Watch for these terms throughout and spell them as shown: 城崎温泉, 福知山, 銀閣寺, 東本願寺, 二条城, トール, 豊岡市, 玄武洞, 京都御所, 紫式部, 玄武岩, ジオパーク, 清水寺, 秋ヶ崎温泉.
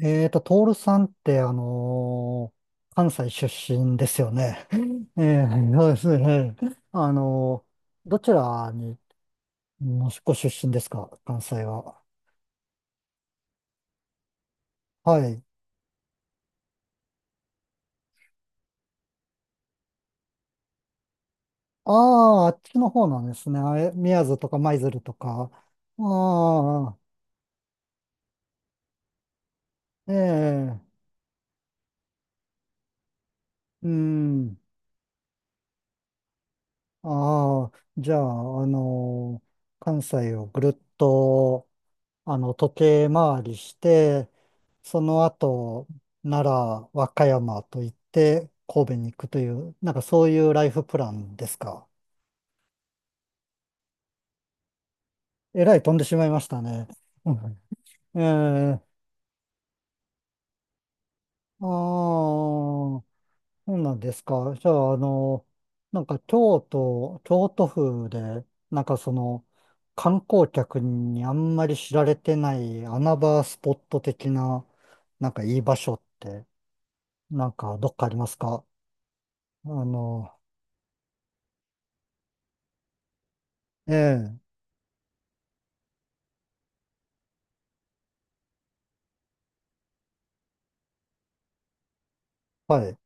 トールさんって、関西出身ですよね。えーそうですね。あのどちらに、もしご出身ですか、関西は。はい。ああ、あっちの方なんですね。宮津とか舞鶴とか。ああ、ええ。うん。ああ、じゃあ、関西をぐるっと時計回りして、その後、奈良、和歌山と行って、神戸に行くという、なんかそういうライフプランですか？えらい飛んでしまいましたね。うん。ええ。ああー、そうなんですか。じゃあ、あの、京都府で、なんかその、観光客にあんまり知られてない穴場スポット的な、なんかいい場所って、なんかどっかありますか？あの、ええ、はい。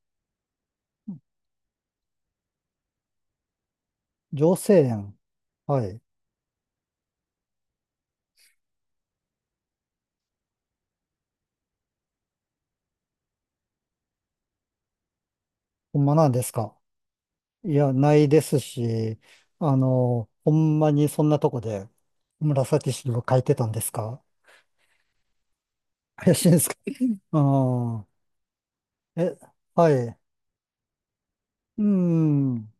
女性園。はい。ほんまなんですか？いや、ないですし、あの、ほんまにそんなとこで紫式部書いてたんですか？怪しいんですか？ああ、え、はい。うーん。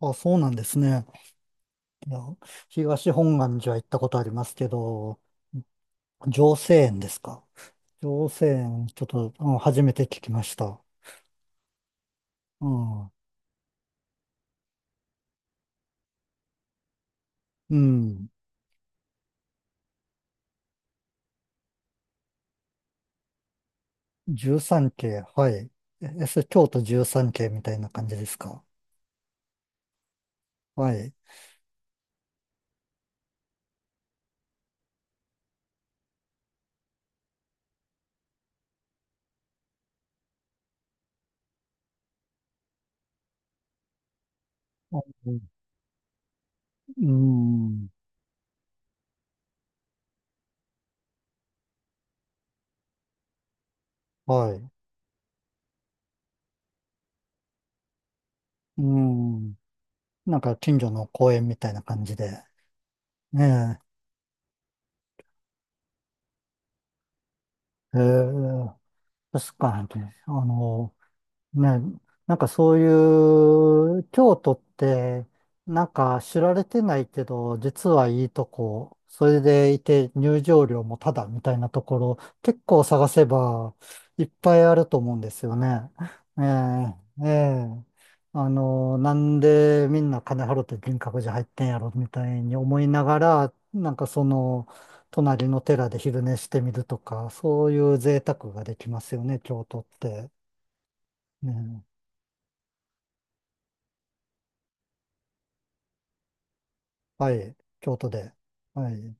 あ、そうなんですね。いや、東本願寺は行ったことありますけど、浄世園ですか。浄世園、ちょっと、うん、初めて聞きました。うん。うん。十三系、はい。え、え、それ京都十三系みたいな感じですか？はい。うん、うん。はい。うん。なんか近所の公園みたいな感じで。ねえ。えー、確かに、あの、ね、なんかそういう、京都って、なんか知られてないけど、実はいいとこ、それでいて入場料もタダみたいなところ、結構探せばいっぱいあると思うんですよね。ええ、ええ。あの、なんでみんな金払って銀閣寺入ってんやろみたいに思いながら、なんかその、隣の寺で昼寝してみるとか、そういう贅沢ができますよね、京都って。ね。はい、京都で。はい。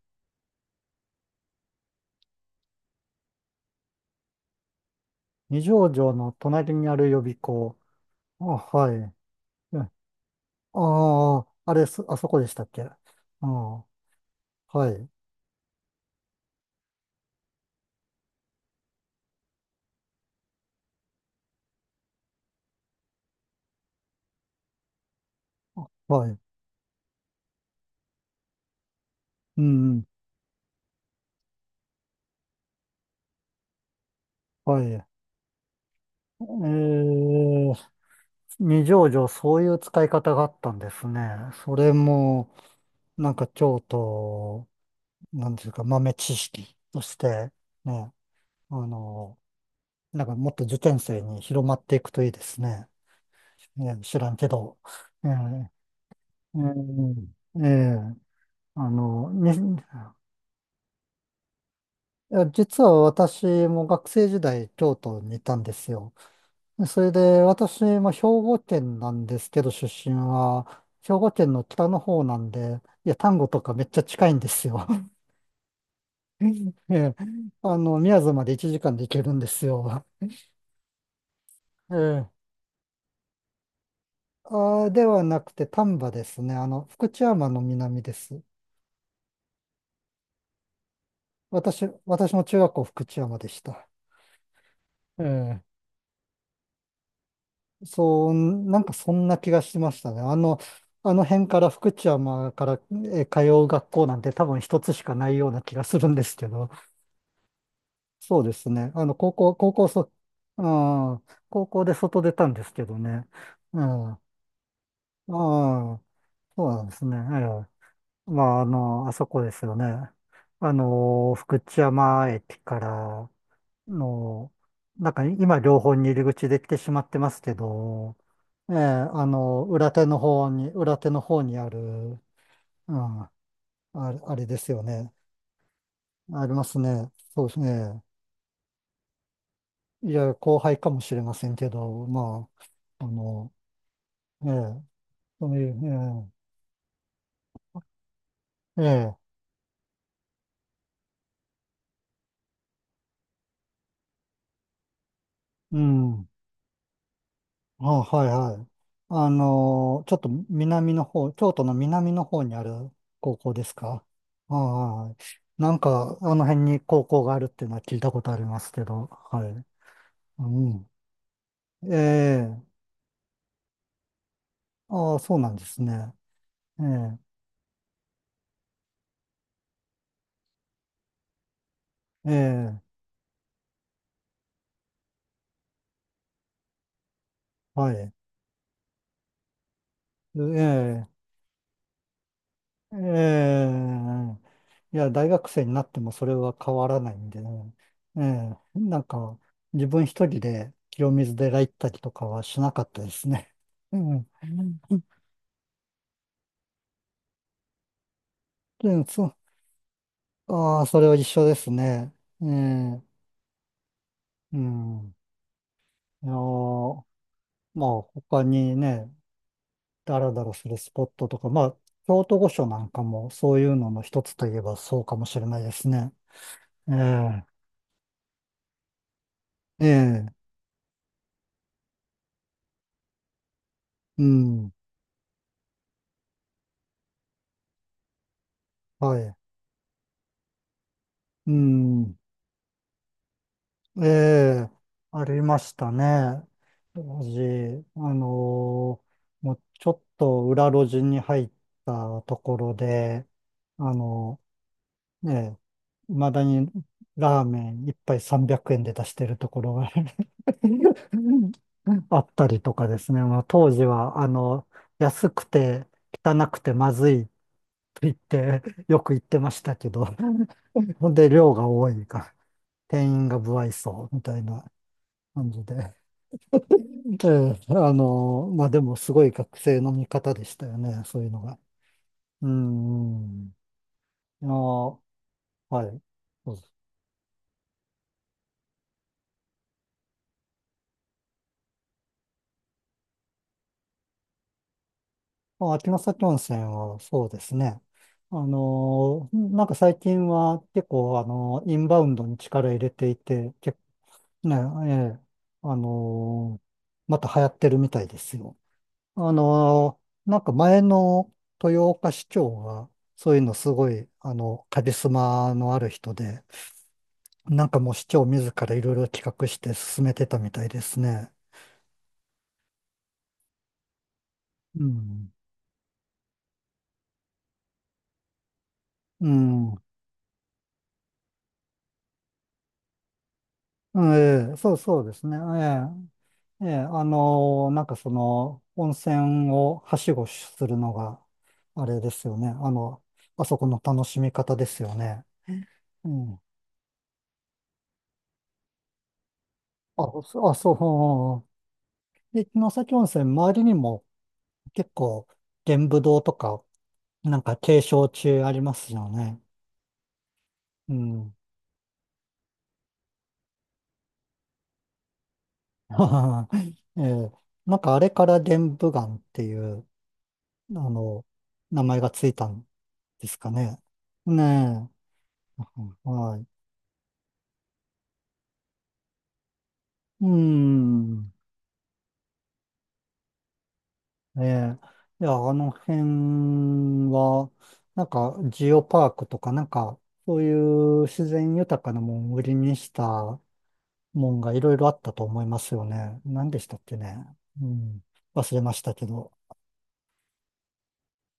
二条城の隣にある予備校。あ、はい。ああー、あれす、あそこでしたっけ？ああー、はい、はい。うん、はい。えー、二条城、そういう使い方があったんですね。それも、なんか京都、なんていうか、豆知識として、ね、あの、なんかもっと受験生に広まっていくといいですね。ね、知らんけど。え。え。え。え。え。あの、に、いや、実は私も学生時代京都にいたんですよ。それで私も兵庫県なんですけど出身は、兵庫県の北の方なんで、いや、丹後とかめっちゃ近いんですよ。ええ、あの、宮津まで1時間で行けるんですよ。ええ、あ、ではなくて丹波ですね。あの、福知山の南です。私も中学校福知山でした。ええ。そう、なんかそんな気がしましたね。あの、あの辺から福知山から、え、通う学校なんて多分一つしかないような気がするんですけど、そうですね。あの、高校、高校そ、うん、高校で外出たんですけどね。うん、ああ、そうなんですね。ええ。まあ、あの、あそこですよね。あの、福知山駅から、の、なんか今両方に入り口できてしまってますけど、ええ、あの、裏手の方にある、うん、あれ、あれですよね。ありますね。そうですね。いや、後輩かもしれませんけど、まあ、あの、ええ、そういう、ええ、ええ、うん。あ、はいはい。あのー、ちょっと南の方、京都の南の方にある高校ですか？ああ、はい。なんか、あの辺に高校があるっていうのは聞いたことありますけど、はい。うん。ええ。ああ、そうなんですね。ええ。ええ。はい。ええ。ええ。いや、大学生になってもそれは変わらないんでね。ええ、なんか、自分一人で清水寺行ったりとかはしなかったですね。うん。うん、そう、ああ、それは一緒ですね。ええ。うん。いやー、まあ、他にね、だらだらするスポットとか、まあ、京都御所なんかもそういうのの一つといえばそうかもしれないですね。ええ。ええ。うん。はい。うん。ええ、ありましたね。当時、もうちょっと裏路地に入ったところで、あのねえ、未だにラーメン一杯300円で出してるところが あったりとかですね。まあ、当時は、あの、安くて汚くてまずいと言って、よく言ってましたけど、ほんで量が多いから、店員が不愛想みたいな。感じで。で、あの、まあでもすごい学生の見方でしたよね、そういうのが。うん。あー、はい。そうです。まあ、秋ヶ崎温泉はそうですね。あのー、なんか最近は結構、あのー、インバウンドに力入れていて、結、ね、ええ、あのー、また流行ってるみたいですよ。あのー、なんか前の豊岡市長が、そういうのすごい、あの、カリスマのある人で、なんかもう市長自らいろいろ企画して進めてたみたいですね。うん。うん。ええ、そうそうですね。ええ、ええ、あのー、なんかその、温泉をはしごするのが、あれですよね。あの、あそこの楽しみ方ですよね。うん。あ、そあ、そう。で、城崎温泉、周りにも結構、玄武洞とか、なんか景勝地ありますよね。うん。あー、えー、なんかあれから玄武岩っていう、あの、名前がついたんですかね。ねえ。はい。うーん。ええ。いや、あの辺は、なんかジオパークとか、なんか、そういう自然豊かなもんを売りにしたもんがいろいろあったと思いますよね。何でしたっけね。うん。忘れましたけど。